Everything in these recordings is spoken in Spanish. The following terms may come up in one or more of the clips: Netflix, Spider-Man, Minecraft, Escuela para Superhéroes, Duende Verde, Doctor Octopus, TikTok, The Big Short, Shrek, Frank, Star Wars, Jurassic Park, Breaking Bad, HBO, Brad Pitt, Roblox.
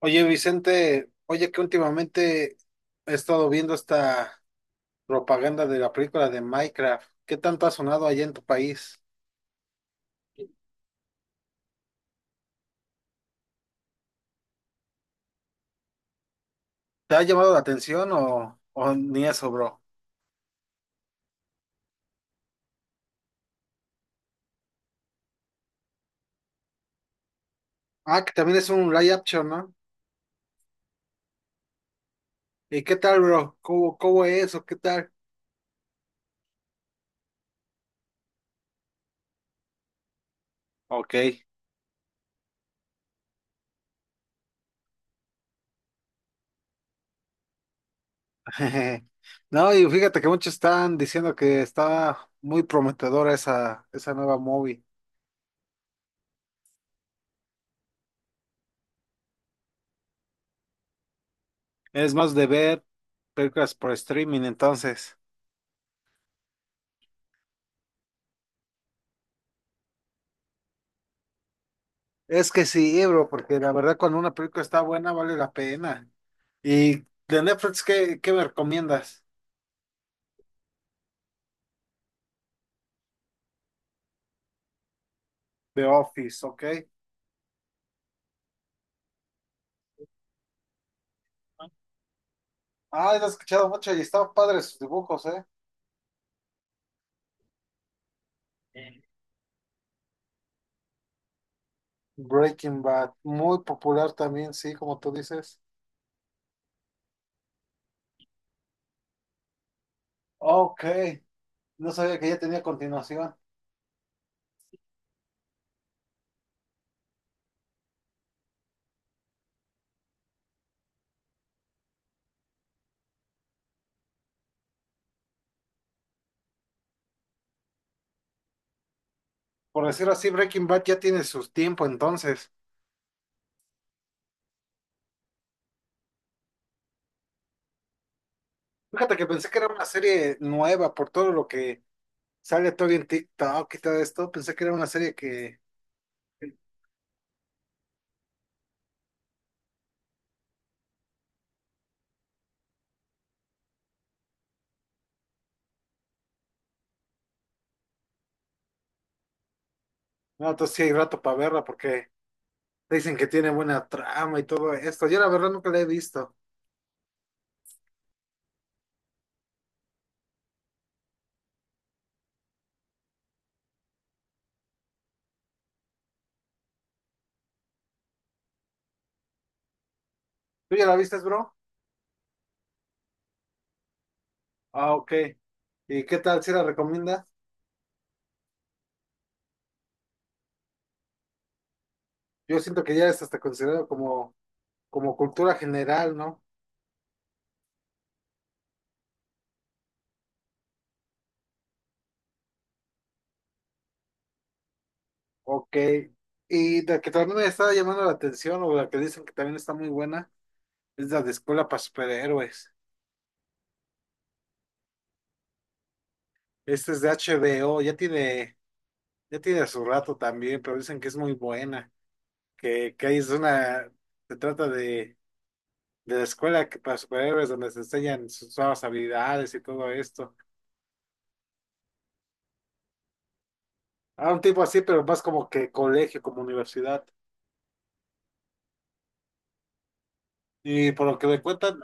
Oye, Vicente, oye que últimamente he estado viendo esta propaganda de la película de Minecraft. ¿Qué tanto ha sonado allá en tu país? ¿Te ha llamado la atención o ni eso, bro? Ah, que también es un live action, ¿no? ¿Y qué tal, bro? ¿Cómo es o qué tal? Ok. No, y fíjate que muchos están diciendo que está muy prometedora esa nueva movie. Es más de ver películas por streaming, entonces. Es que sí, bro, porque la verdad cuando una película está buena vale la pena. Y de Netflix, ¿qué me recomiendas? The Office, ¿ok? Ah, lo he escuchado mucho y estaban padres sus dibujos, ¿eh? Breaking Bad, muy popular también, sí, como tú dices. Ok, no sabía que ya tenía continuación. Por decirlo así, Breaking Bad ya tiene su tiempo entonces. Fíjate que pensé que era una serie nueva por todo lo que sale todo en TikTok y todo esto. Pensé que era una serie que, no, entonces sí hay rato para verla porque dicen que tiene buena trama y todo esto. Yo la verdad nunca la he visto. ¿Tú ya la viste, bro? Ah, ok. ¿Y qué tal si la recomiendas? Yo siento que ya es hasta considerado como, como cultura general, ¿no? Ok. Y la que también me está llamando la atención, o la que dicen que también está muy buena, es la de Escuela para Superhéroes. Esta es de HBO, ya tiene su rato también, pero dicen que es muy buena, que ahí es una, se trata de la escuela que para superhéroes donde se enseñan sus nuevas habilidades y todo esto. A un tipo así, pero más como que colegio, como universidad. Y por lo que me cuentan,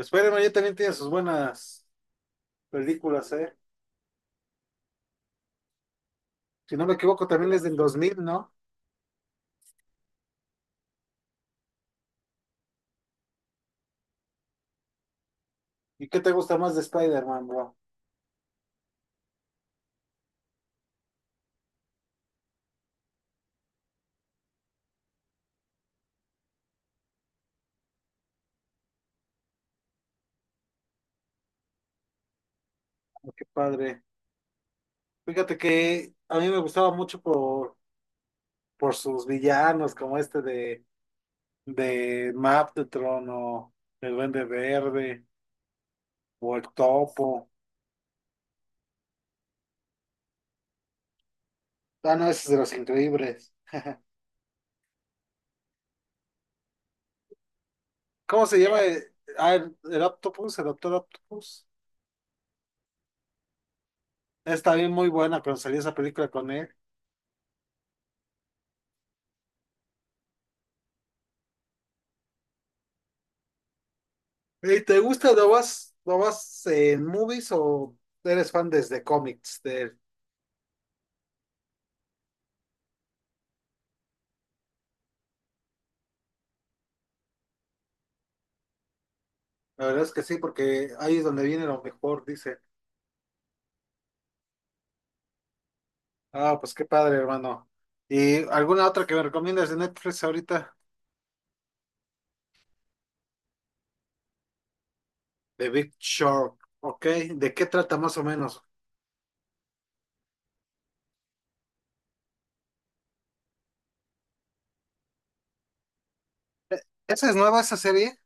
Spider-Man ya también tiene sus buenas películas, ¿eh? Si no me equivoco, también es del 2000, ¿no? ¿Y qué te gusta más de Spider-Man, bro? Oh, qué padre. Fíjate que a mí me gustaba mucho por sus villanos, como este de Maptron o el Duende Verde o el Topo. Ah, no, ese es de los increíbles. ¿Cómo se llama, eh? Ah, el Octopus, el Doctor Octopus. Está bien muy buena cuando salió esa película con él. ¿Y te gusta? Lo vas en movies o eres fan desde cómics de él? La verdad es que sí, porque ahí es donde viene lo mejor, dice. Ah, pues qué padre, hermano. ¿Y alguna otra que me recomiendas de Netflix ahorita? The Big Short, ok. ¿De qué trata más o menos? Eh, ¿Esa es nueva, esa serie?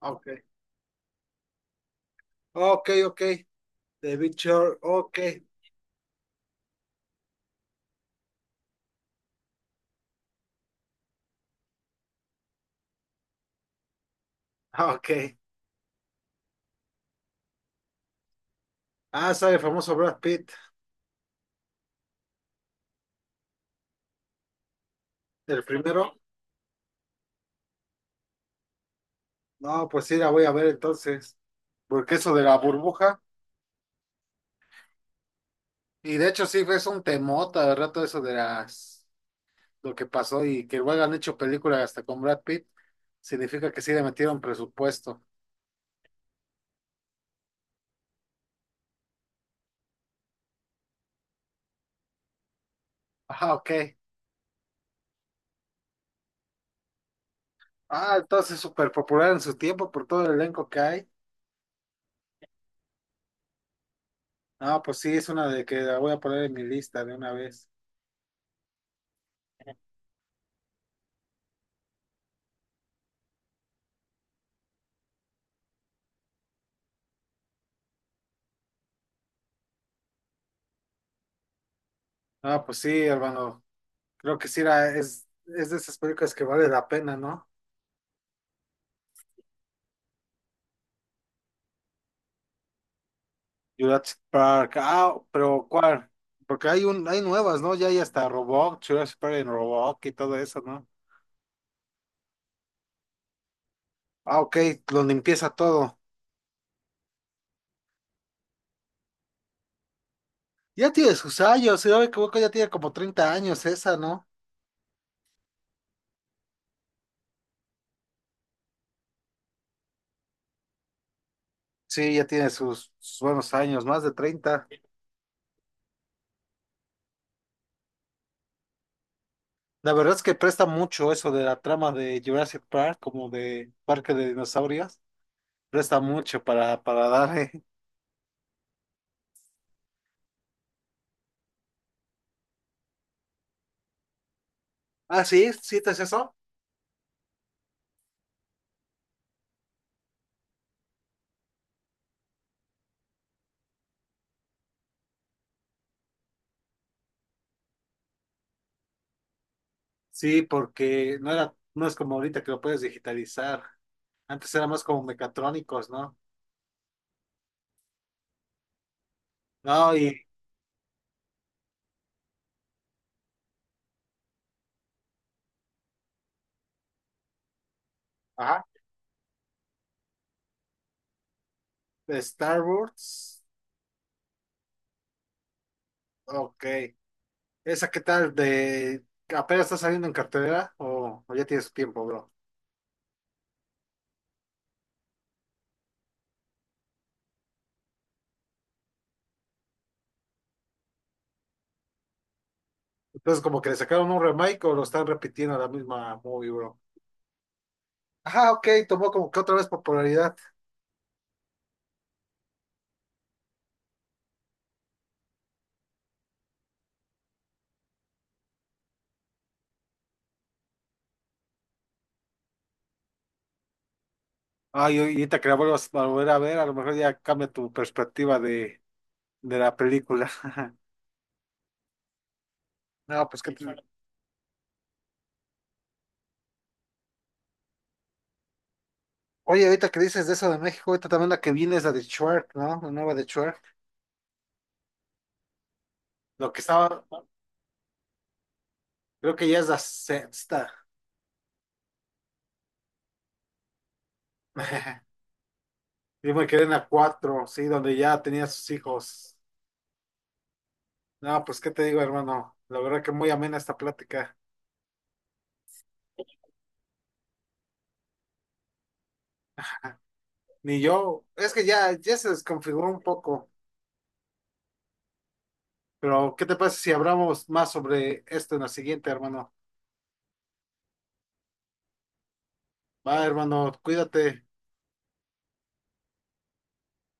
Ok. Ok. The Big Short, ok. Ok. Ah, sale el famoso Brad Pitt, el primero. No, pues sí, la voy a ver entonces. Porque eso de la burbuja. Y de hecho sí, es un temota de rato eso de las lo que pasó y que luego han hecho películas hasta con Brad Pitt. Significa que sí le metieron presupuesto. Ah, ok. Ah, entonces súper popular en su tiempo por todo el elenco que hay. Ah, pues sí, es una de que la voy a poner en mi lista de una vez. Ah, pues sí, hermano. Creo que sí, era, es de esas películas que vale la pena, ¿no? Jurassic Park, ah, ¿pero cuál? Porque hay un, hay nuevas, ¿no? Ya hay hasta Roblox, Jurassic Park en Roblox y todo eso, ¿no? Ah, ok, donde empieza todo. Ya tiene sus años, si no me equivoco, ya tiene como 30 años esa, ¿no? Sí, ya tiene sus, sus buenos años, más de 30. La verdad es que presta mucho eso de la trama de Jurassic Park, como de Parque de Dinosaurios. Presta mucho para darle. Ah, sí, sí, ¿te es eso? Sí, porque no era, no es como ahorita que lo puedes digitalizar. Antes éramos como mecatrónicos, ¿no? No, y, ajá, de Star Wars, ok. ¿Esa qué tal? De, ¿apenas está saliendo en cartelera o ya tiene su tiempo, bro? Entonces, como que le sacaron un remake o lo están repitiendo la misma movie, bro. Ajá, ok, tomó como que otra vez popularidad. Ay, oye, ahorita que la vuelvas a volver a ver, a lo mejor ya cambia tu perspectiva de la película. No, pues que... Oye, ahorita que dices de eso de México, ahorita también la que viene es la de Shrek, ¿no? La nueva de Shrek. Lo que estaba... Creo que ya es la sexta. Yo me quedé en la cuatro, sí, donde ya tenía sus hijos. No, pues qué te digo, hermano. La verdad que muy amena esta plática. Ni yo, es que ya, ya se desconfiguró un poco. Pero, ¿qué te parece si hablamos más sobre esto en la siguiente, hermano? Va, hermano, cuídate.